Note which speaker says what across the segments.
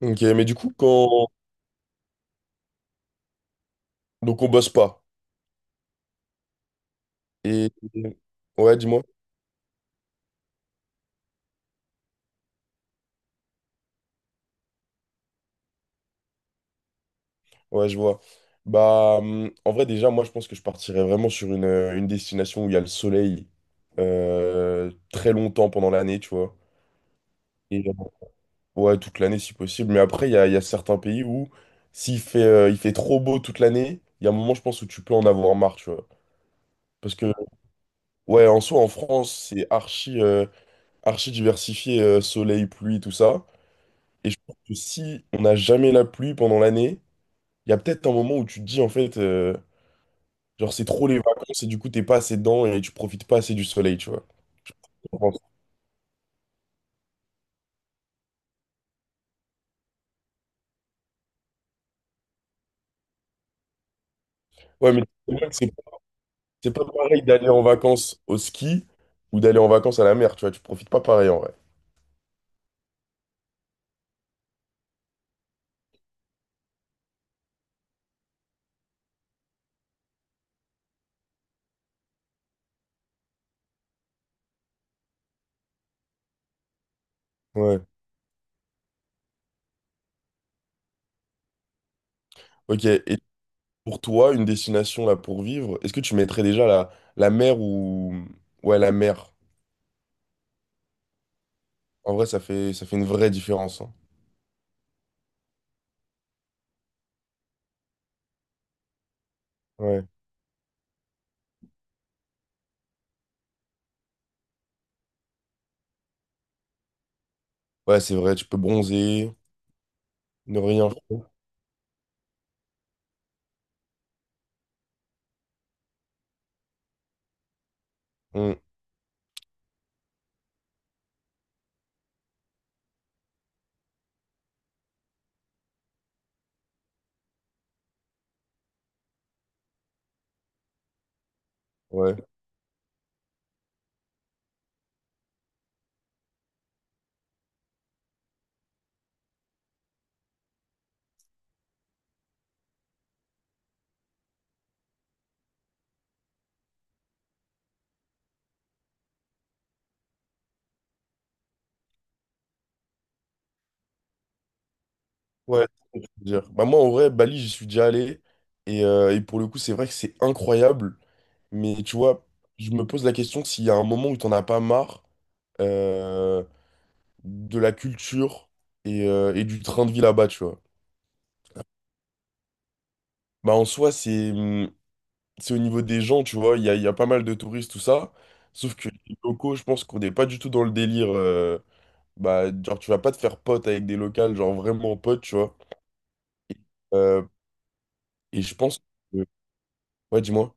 Speaker 1: Ok, mais du coup, quand... Donc on bosse pas. Et... Ouais, dis-moi. Ouais, je vois. Bah, en vrai, déjà, moi, je pense que je partirais vraiment sur une destination où il y a le soleil très longtemps pendant l'année, tu vois. Et, ouais, toute l'année si possible. Mais après, il y a certains pays où s'il fait, il fait trop beau toute l'année, il y a un moment, je pense, où tu peux en avoir marre, tu vois. Parce que, ouais, en soi, en France, c'est archi, archi diversifié, soleil, pluie, tout ça. Et je pense que si on n'a jamais la pluie pendant l'année, il y a peut-être un moment où tu te dis, en fait, genre, c'est trop les vacances et du coup, t'es pas assez dedans et tu profites pas assez du soleil, tu vois. Je pense. Ouais, mais c'est vrai que c'est pas pareil d'aller en vacances au ski ou d'aller en vacances à la mer, tu vois. Tu profites pas pareil, en vrai. Ouais. Ok. Et pour toi, une destination là pour vivre, est-ce que tu mettrais déjà la mer ou... Ouais, la mer. En vrai, ça fait une vraie différence, hein. Ouais. Ouais, c'est vrai, tu peux bronzer, ne rien faire. Mm. Ouais. Ouais, c'est ce que je veux dire. Bah, moi, en vrai, Bali, j'y suis déjà allé. Et pour le coup, c'est vrai que c'est incroyable. Mais tu vois, je me pose la question s'il y a un moment où t'en as pas marre euh, de la culture et du train de vie là-bas, tu vois. Bah, en soi, c'est au niveau des gens, tu vois. Il y a pas mal de touristes, tout ça. Sauf que les locaux, je pense qu'on n'est pas du tout dans le délire. Bah, genre, tu vas pas te faire pote avec des locales, genre vraiment pote, tu vois. Et, euh, et je pense que... Ouais, dis-moi.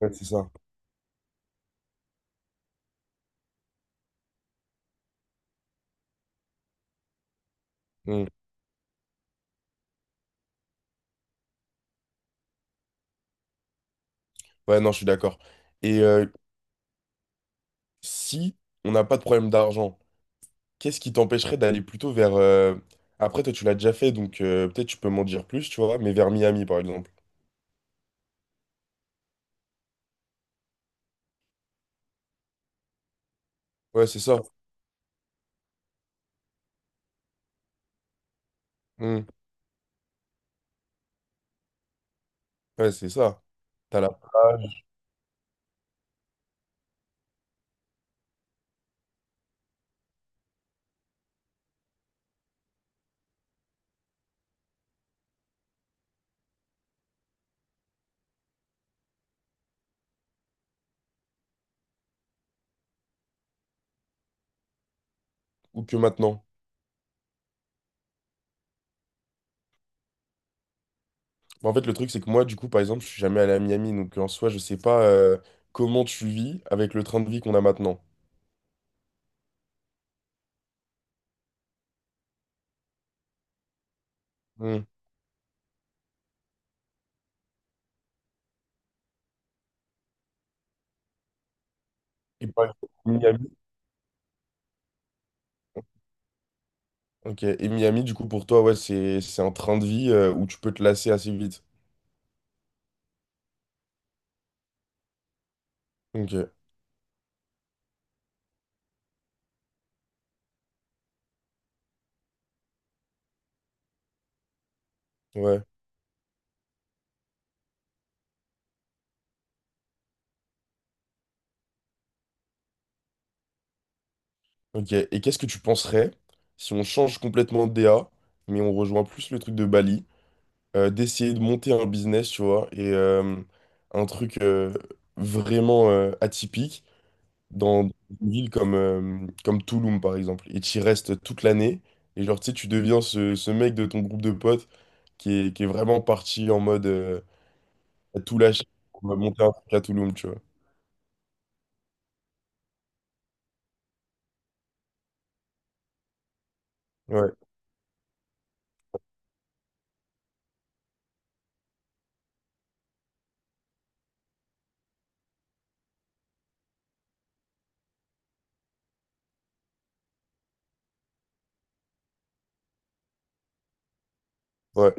Speaker 1: Ouais, c'est ça. Hmm. Ouais, non, je suis d'accord. Et si on n'a pas de problème d'argent, qu'est-ce qui t'empêcherait d'aller plutôt vers... Après, toi, tu l'as déjà fait, donc peut-être tu peux m'en dire plus, tu vois, mais vers Miami, par exemple. Ouais, c'est ça. Hmm. Ouais, c'est ça. T'as la plage, ou que maintenant. Bah, en fait, le truc, c'est que moi, du coup, par exemple, je suis jamais allé à Miami, donc en soi, je sais pas comment tu vis avec le train de vie qu'on a maintenant. Hmm. Et par exemple, Miami. Ok, et Miami, du coup, pour toi, ouais, c'est un train de vie où tu peux te lasser assez vite. Ok, ouais. Ok, et qu'est-ce que tu penserais si on change complètement de DA, mais on rejoint plus le truc de Bali, d'essayer de monter un business, tu vois, et un truc vraiment atypique dans une ville comme, comme Tulum, par exemple, et tu y restes toute l'année, et genre, tu sais, tu deviens ce mec de ton groupe de potes qui est vraiment parti en mode à tout lâcher pour monter un truc à Tulum, tu vois. Ouais, ouais,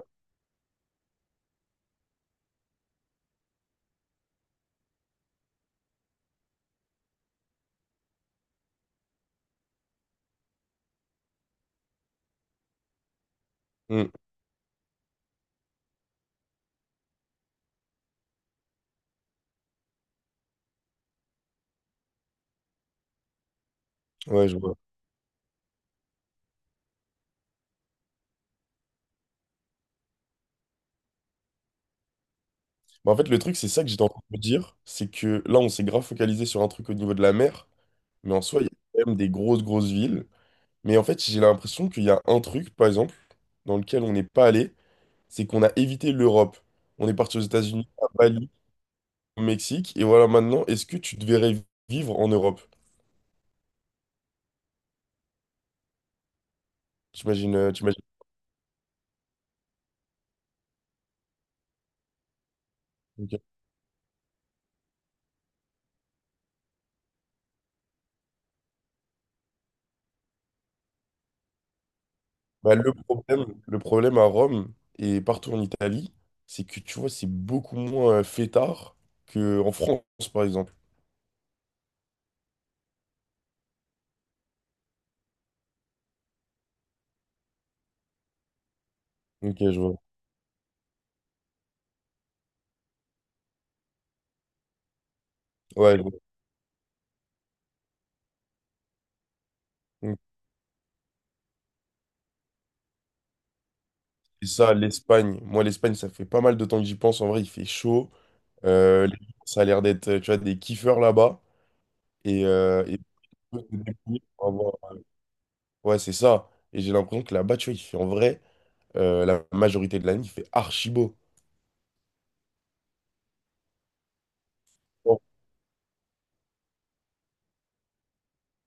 Speaker 1: Hmm. Ouais, je vois. Bah, en fait, le truc, c'est ça que j'étais en train de me dire, c'est que là, on s'est grave focalisé sur un truc au niveau de la mer, mais en soi, il y a quand même des grosses, grosses villes. Mais en fait, j'ai l'impression qu'il y a un truc, par exemple, dans lequel on n'est pas allé, c'est qu'on a évité l'Europe. On est parti aux États-Unis, à Bali, au Mexique, et voilà, maintenant, est-ce que tu te verrais vivre en Europe? T'imagines, t'imagines... Ok. Bah, le problème à Rome et partout en Italie, c'est que tu vois, c'est beaucoup moins fêtard qu'en France, par exemple. Ok, je vois. Ouais, je vois. Et ça, l'Espagne. Moi, l'Espagne, ça fait pas mal de temps que j'y pense. En vrai, il fait chaud. Les- ça a l'air d'être, tu vois, des kiffeurs là-bas. Et- pour avoir- Ouais, c'est ça. Et j'ai l'impression que là-bas, tu vois, il fait en vrai, la majorité de l'année, il fait archi beau. Bon.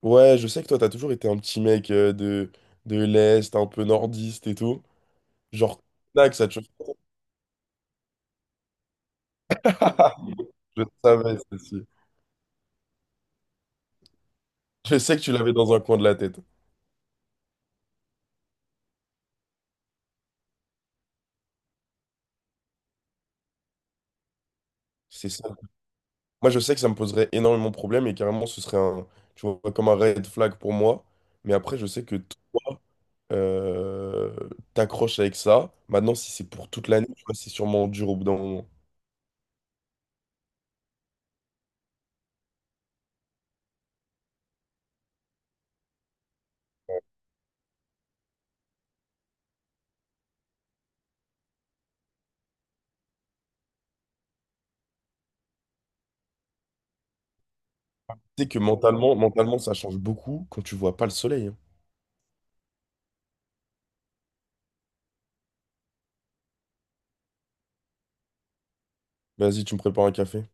Speaker 1: Ouais, je sais que toi, t'as toujours été un petit mec de l'Est, un peu nordiste et tout. Genre, tac, ça te chauffe. Je savais, ceci. Je sais que tu l'avais dans un coin de la tête. C'est ça. Moi, je sais que ça me poserait énormément de problèmes et carrément, ce serait un, tu vois, comme un red flag pour moi. Mais après, je sais que toi, euh, t'accroches avec ça. Maintenant, si c'est pour toute l'année, tu vois, c'est sûrement dur au bout d'un moment. Tu sais que mentalement, ça change beaucoup quand tu vois pas le soleil, hein. Vas-y, tu me prépares un café.